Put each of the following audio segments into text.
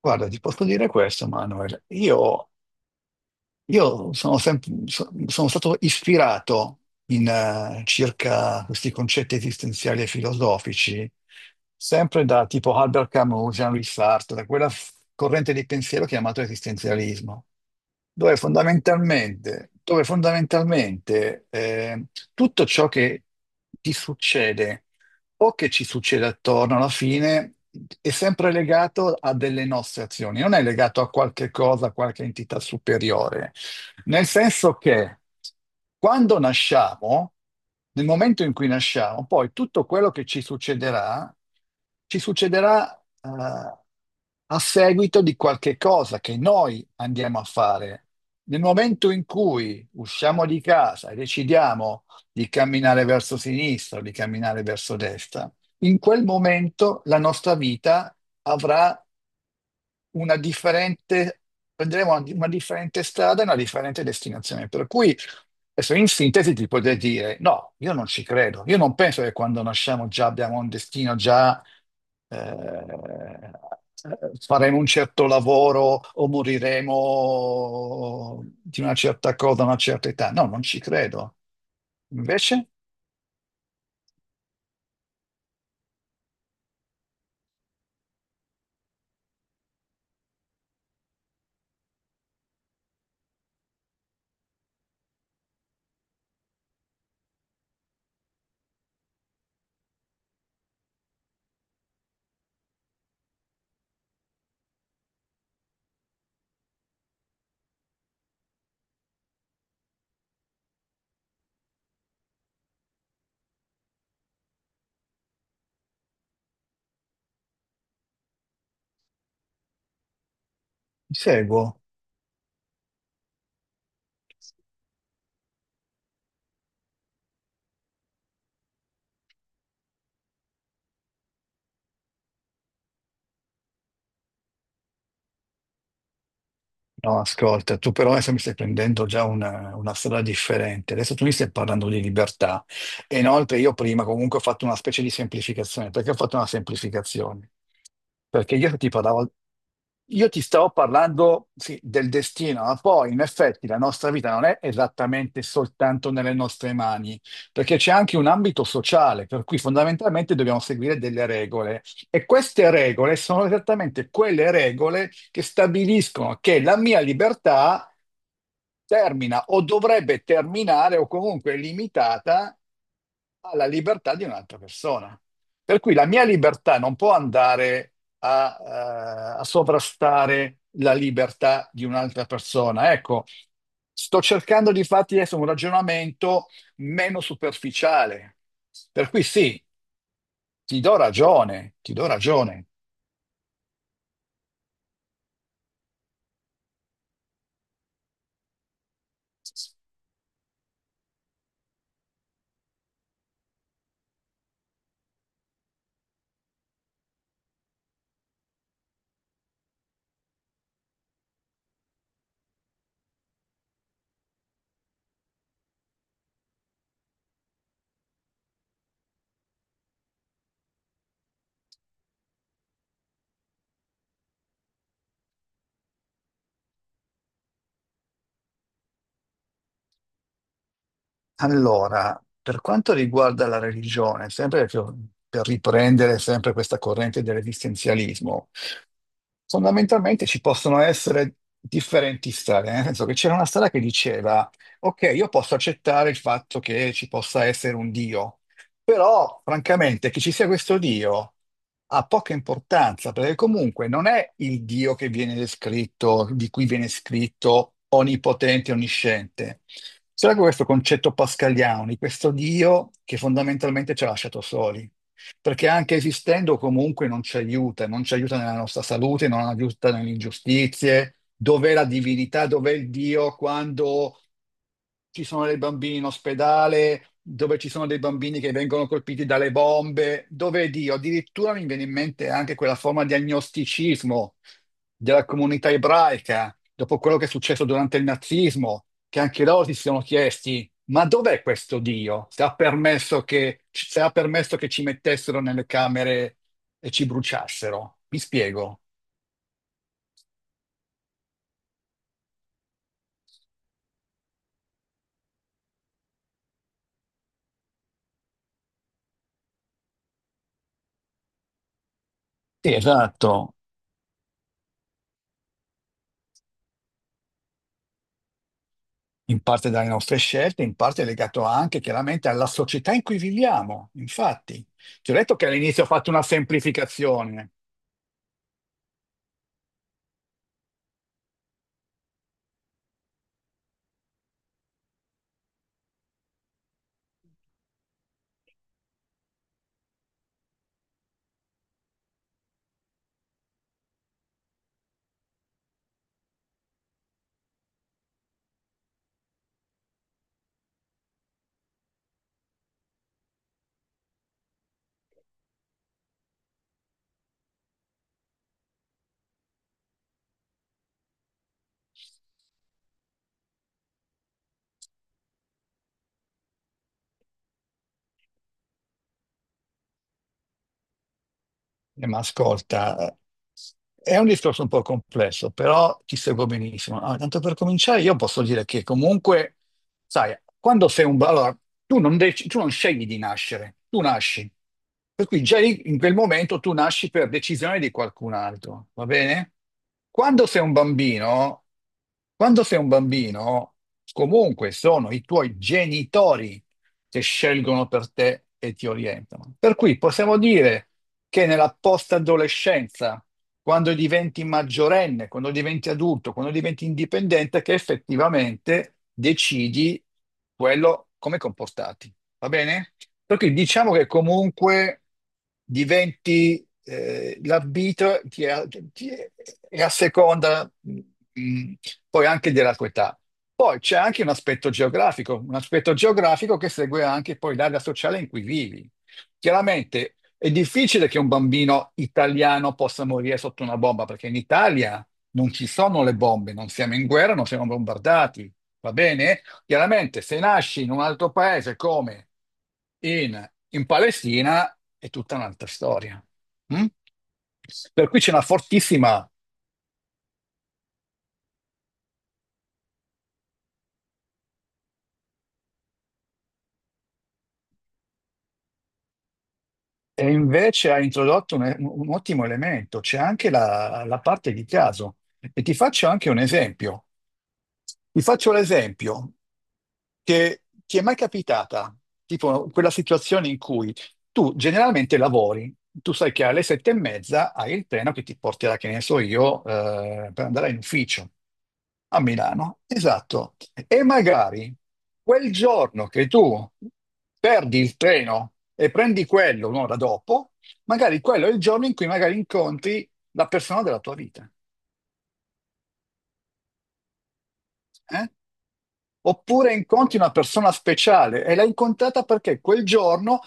Guarda, ti posso dire questo, Manuel. Io sono, sempre- so- Sono stato ispirato circa questi concetti esistenziali e filosofici, sempre da tipo Albert Camus, Jean-Louis Sartre, da quella corrente di pensiero chiamato esistenzialismo dove fondamentalmente, tutto ciò che ti succede o che ci succede attorno alla fine è sempre legato a delle nostre azioni, non è legato a qualche cosa, a qualche entità superiore. Nel senso che quando nasciamo, nel momento in cui nasciamo, poi tutto quello che ci succederà, eh, a seguito di qualche cosa che noi andiamo a fare. Nel momento in cui usciamo di casa e decidiamo di camminare verso sinistra o di camminare verso destra, in quel momento la nostra vita avrà una differente, prenderemo una differente strada e una differente destinazione. Per cui, adesso in sintesi ti potrei dire, no, io non ci credo, io non penso che quando nasciamo già abbiamo un destino, già eh, faremo un certo lavoro o moriremo di una certa cosa a una certa età. No, non ci credo. Invece, ti seguo. No, ascolta, tu però adesso mi stai prendendo già una strada differente. Adesso tu mi stai parlando di libertà. E inoltre io prima comunque ho fatto una specie di semplificazione. Perché ho fatto una semplificazione? Perché io ti stavo parlando, sì, del destino, ma poi in effetti la nostra vita non è esattamente soltanto nelle nostre mani, perché c'è anche un ambito sociale, per cui fondamentalmente dobbiamo seguire delle regole. E queste regole sono esattamente quelle regole che stabiliscono che la mia libertà termina o dovrebbe terminare o comunque è limitata alla libertà di un'altra persona. Per cui la mia libertà non può andare a, a sovrastare la libertà di un'altra persona. Ecco, sto cercando di farti adesso un ragionamento meno superficiale. Per cui sì, ti do ragione, ti do ragione. Allora, per quanto riguarda la religione, sempre per riprendere sempre questa corrente dell'esistenzialismo, fondamentalmente ci possono essere differenti strade, nel senso che c'era una strada che diceva, ok, io posso accettare il fatto che ci possa essere un Dio, però, francamente, che ci sia questo Dio ha poca importanza, perché comunque non è il Dio che viene descritto, di cui viene scritto onnipotente, onnisciente. C'era questo concetto pascaliano di questo Dio che fondamentalmente ci ha lasciato soli, perché anche esistendo comunque non ci aiuta, non ci aiuta nella nostra salute, non aiuta nelle ingiustizie. Dov'è la divinità? Dov'è il Dio quando ci sono dei bambini in ospedale, dove ci sono dei bambini che vengono colpiti dalle bombe, dove Dio, addirittura mi viene in mente anche quella forma di agnosticismo della comunità ebraica, dopo quello che è successo durante il nazismo, che anche loro si sono chiesti, ma dov'è questo Dio? Se ha permesso che, se ha permesso che ci mettessero nelle camere e ci bruciassero? Mi spiego. Sì, esatto. In parte dalle nostre scelte, in parte è legato anche chiaramente alla società in cui viviamo. Infatti, ti ho detto che all'inizio ho fatto una semplificazione. Ma ascolta, è un discorso un po' complesso, però ti seguo benissimo. Ah, tanto per cominciare, io posso dire che comunque, sai, quando sei allora, tu non scegli di nascere, tu nasci. Per cui già lì, in quel momento tu nasci per decisione di qualcun altro, va bene? Quando sei un bambino, quando sei un bambino, comunque sono i tuoi genitori che scelgono per te e ti orientano. Per cui possiamo dire che nella post-adolescenza, quando diventi maggiorenne, quando diventi adulto, quando diventi indipendente, che effettivamente decidi quello come comportarti. Va bene? Perché diciamo che comunque diventi l'arbitro e a seconda poi anche della tua età. Poi c'è anche un aspetto geografico che segue anche poi l'area sociale in cui vivi. Chiaramente è difficile che un bambino italiano possa morire sotto una bomba, perché in Italia non ci sono le bombe, non siamo in guerra, non siamo bombardati, va bene? Chiaramente se nasci in un altro paese come in Palestina è tutta un'altra storia. Mm? Per cui c'è una fortissima, e invece ha introdotto un ottimo elemento, c'è anche la parte di caso. E ti faccio anche un esempio. Ti faccio l'esempio. Che ti è mai capitata, tipo, quella situazione in cui tu generalmente lavori, tu sai che alle sette e mezza hai il treno che ti porterà, che ne so io, per andare in ufficio a Milano. Esatto. E magari quel giorno che tu perdi il treno e prendi quello un'ora dopo, magari quello è il giorno in cui magari incontri la persona della tua vita. Eh? Oppure incontri una persona speciale e l'hai incontrata perché quel giorno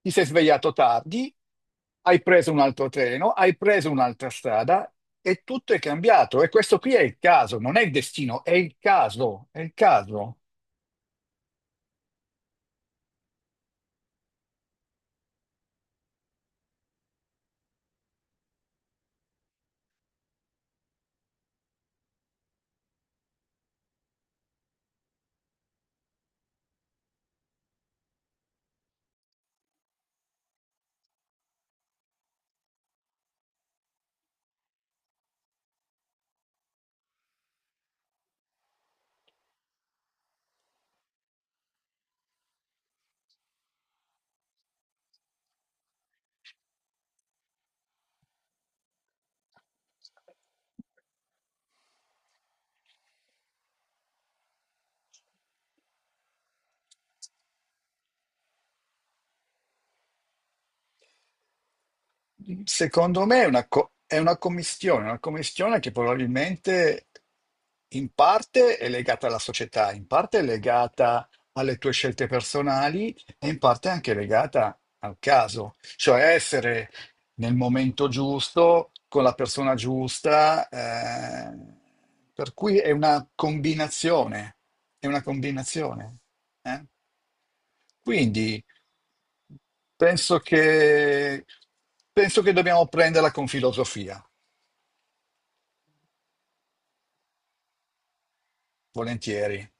ti sei svegliato tardi, hai preso un altro treno, hai preso un'altra strada e tutto è cambiato. E questo qui è il caso, non è il destino, è il caso, è il caso. Secondo me è è una commistione che probabilmente in parte è legata alla società, in parte è legata alle tue scelte personali e in parte è anche legata al caso, cioè essere nel momento giusto, con la persona giusta, per cui è una combinazione, è una combinazione. Eh. Quindi penso che, penso che dobbiamo prenderla con filosofia, volentieri.